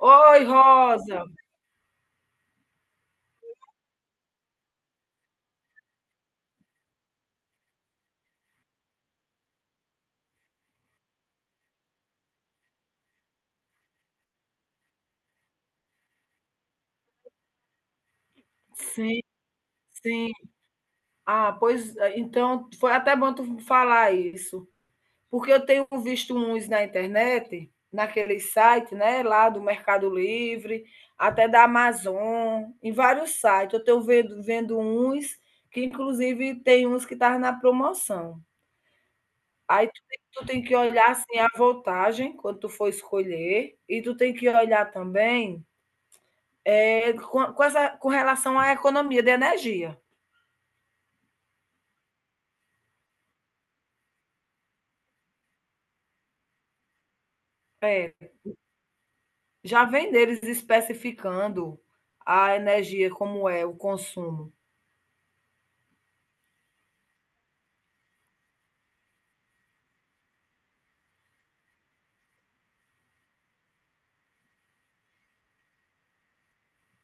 Oi, Rosa. Sim, sim. Ah, pois então foi até bom tu falar isso, porque eu tenho visto uns na internet, naquele site, né, lá do Mercado Livre, até da Amazon, em vários sites. Eu tenho vendo uns que inclusive tem uns que estavam na promoção. Aí tu tem que olhar, assim, a voltagem quando tu for escolher, e tu tem que olhar também, com essa com relação à economia de energia. É, já vem deles especificando a energia, como é o consumo.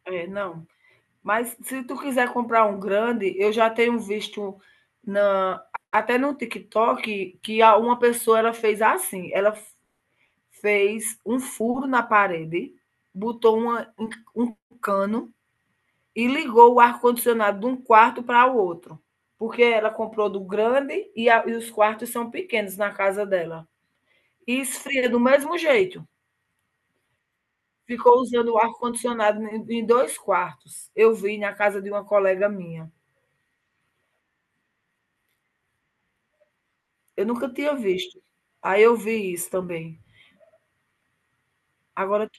É, não. Mas se tu quiser comprar um grande, eu já tenho visto na, até no TikTok, que uma pessoa, ela fez assim, fez um furo na parede, botou uma- um cano, e ligou o ar-condicionado de um quarto para o outro. Porque ela comprou do grande e, e os quartos são pequenos na casa dela. E esfria do mesmo jeito. Ficou usando o ar-condicionado em dois quartos. Eu vi na casa de uma colega minha. Eu nunca tinha visto. Aí eu vi isso também. Agora tu,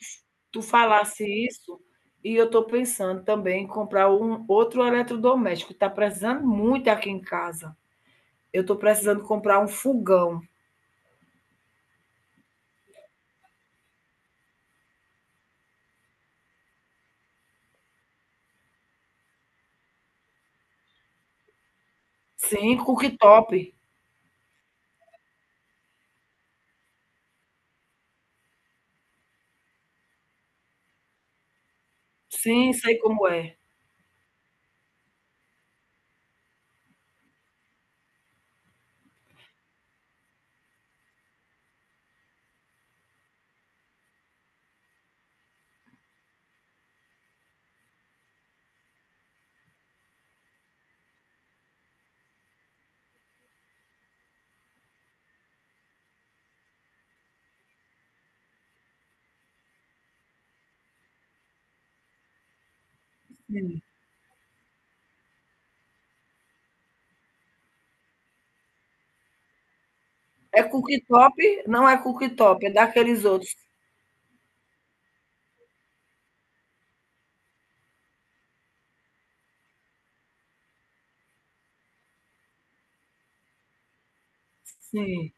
tu falasse isso, e eu estou pensando também em comprar um outro eletrodoméstico. Está precisando muito aqui em casa. Eu estou precisando comprar um fogão. Sim, cooktop. Sim, sei como é. Sim. É cooktop? Não é cooktop, é daqueles outros. Sim.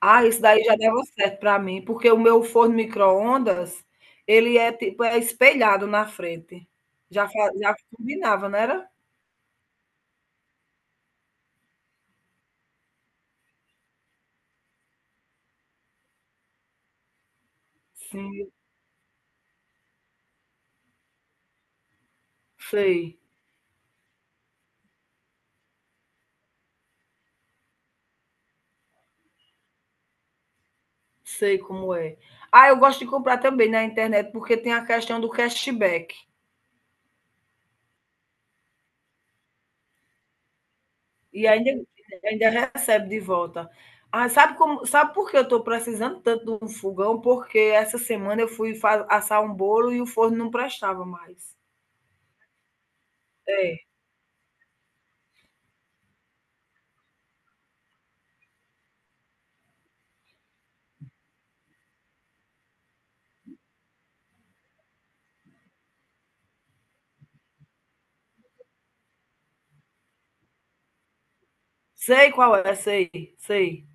Ah, isso daí já dava certo para mim, porque o meu forno micro-ondas, ele é tipo é espelhado na frente. Já combinava, não era? Sim, sei, sei como é. Ah, eu gosto de comprar também na internet, porque tem a questão do cashback, e ainda recebe de volta. Ah, sabe por que eu estou precisando tanto de um fogão? Porque essa semana eu fui fa assar um bolo e o forno não prestava mais. É, sei qual é, sei, sei.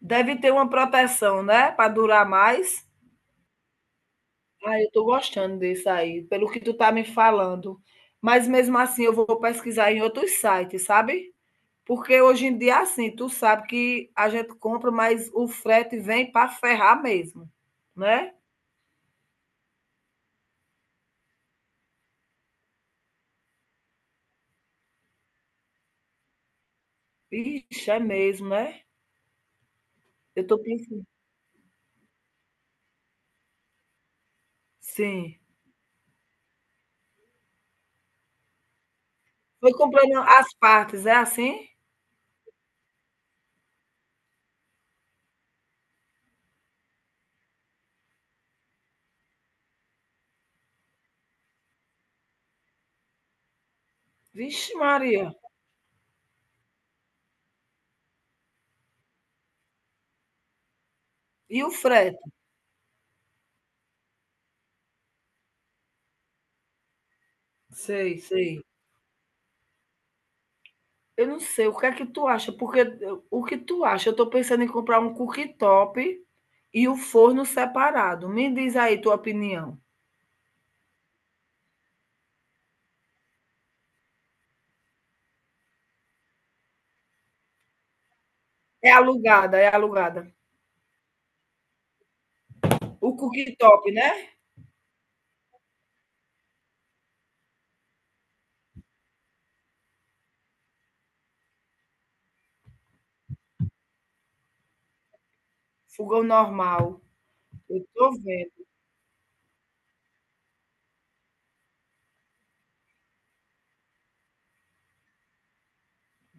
Deve ter uma proteção, né? Para durar mais. Ah, eu tô gostando disso aí, pelo que tu tá me falando. Mas mesmo assim eu vou pesquisar em outros sites, sabe? Porque hoje em dia, assim, tu sabe que a gente compra, mas o frete vem para ferrar mesmo, né? Ixi, é mesmo, né? Eu tô pensando. Sim. Foi comprando as partes, é assim? Vixe, Maria. E o frete? Sei, sei. Eu não sei, o que é que tu acha? Porque o que tu acha? Eu tô pensando em comprar um cooktop e o forno separado. Me diz aí tua opinião. É alugada, é alugada. O cooktop, né? Fogão normal. Eu tô vendo,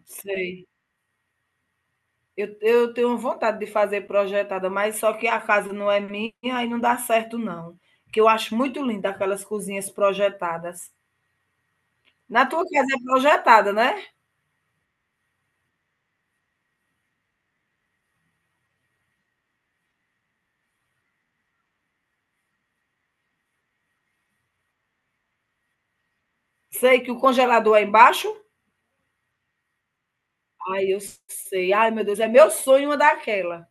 sei. Eu tenho vontade de fazer projetada, mas só que a casa não é minha e não dá certo, não. Que eu acho muito linda aquelas cozinhas projetadas. Na tua casa é projetada, né? Sei que o congelador é embaixo. Ai, eu sei. Ai, meu Deus, é meu sonho uma daquela.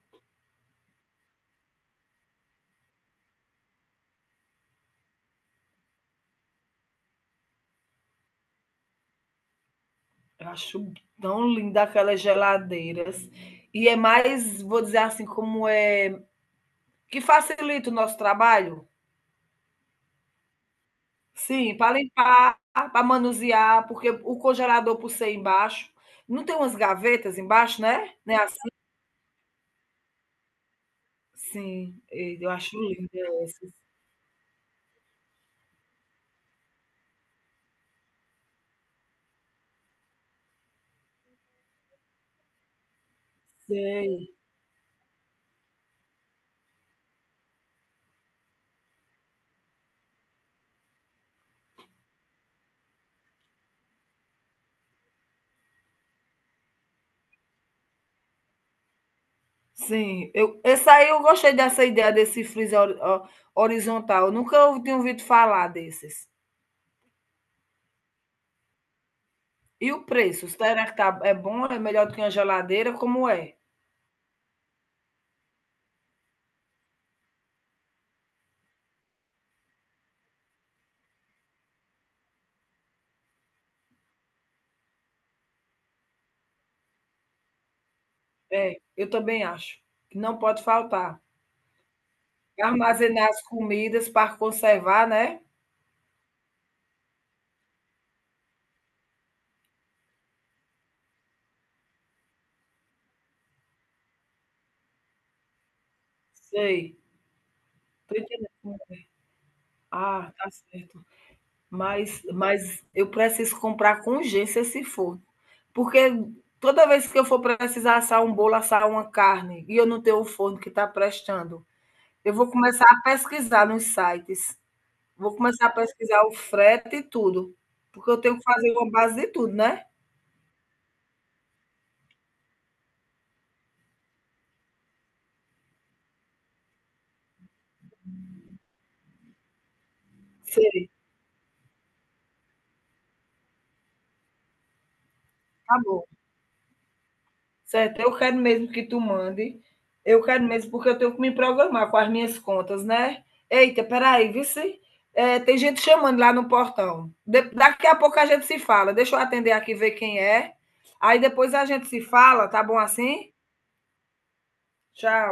Eu acho tão linda aquelas geladeiras. E é mais, vou dizer assim, como é, que facilita o nosso trabalho. Sim, para limpar, para manusear, porque o congelador, por ser embaixo, não tem umas gavetas embaixo, né? Né assim? Sim, e eu acho linda essa. Sei. Sim, eu, essa aí eu gostei dessa ideia desse horizontal. Eu nunca tinha ouvido falar desses. E o preço, será que tá é bom, é melhor do que uma geladeira, como é? É, eu também acho, que não pode faltar. Armazenar as comidas para conservar, né? Sei, tô entendendo. Ah, tá certo. Mas eu preciso comprar com urgência, se for, porque toda vez que eu for precisar assar um bolo, assar uma carne, e eu não tenho o forno que está prestando, eu vou começar a pesquisar nos sites. Vou começar a pesquisar o frete e tudo, porque eu tenho que fazer uma base de tudo, né? Sei, tá bom. Certo, eu quero mesmo que tu mande. Eu quero mesmo, porque eu tenho que me programar com as minhas contas, né? Eita, peraí, vice. É, tem gente chamando lá no portão. Daqui a pouco a gente se fala. Deixa eu atender aqui, ver quem é. Aí depois a gente se fala, tá bom assim? Tchau.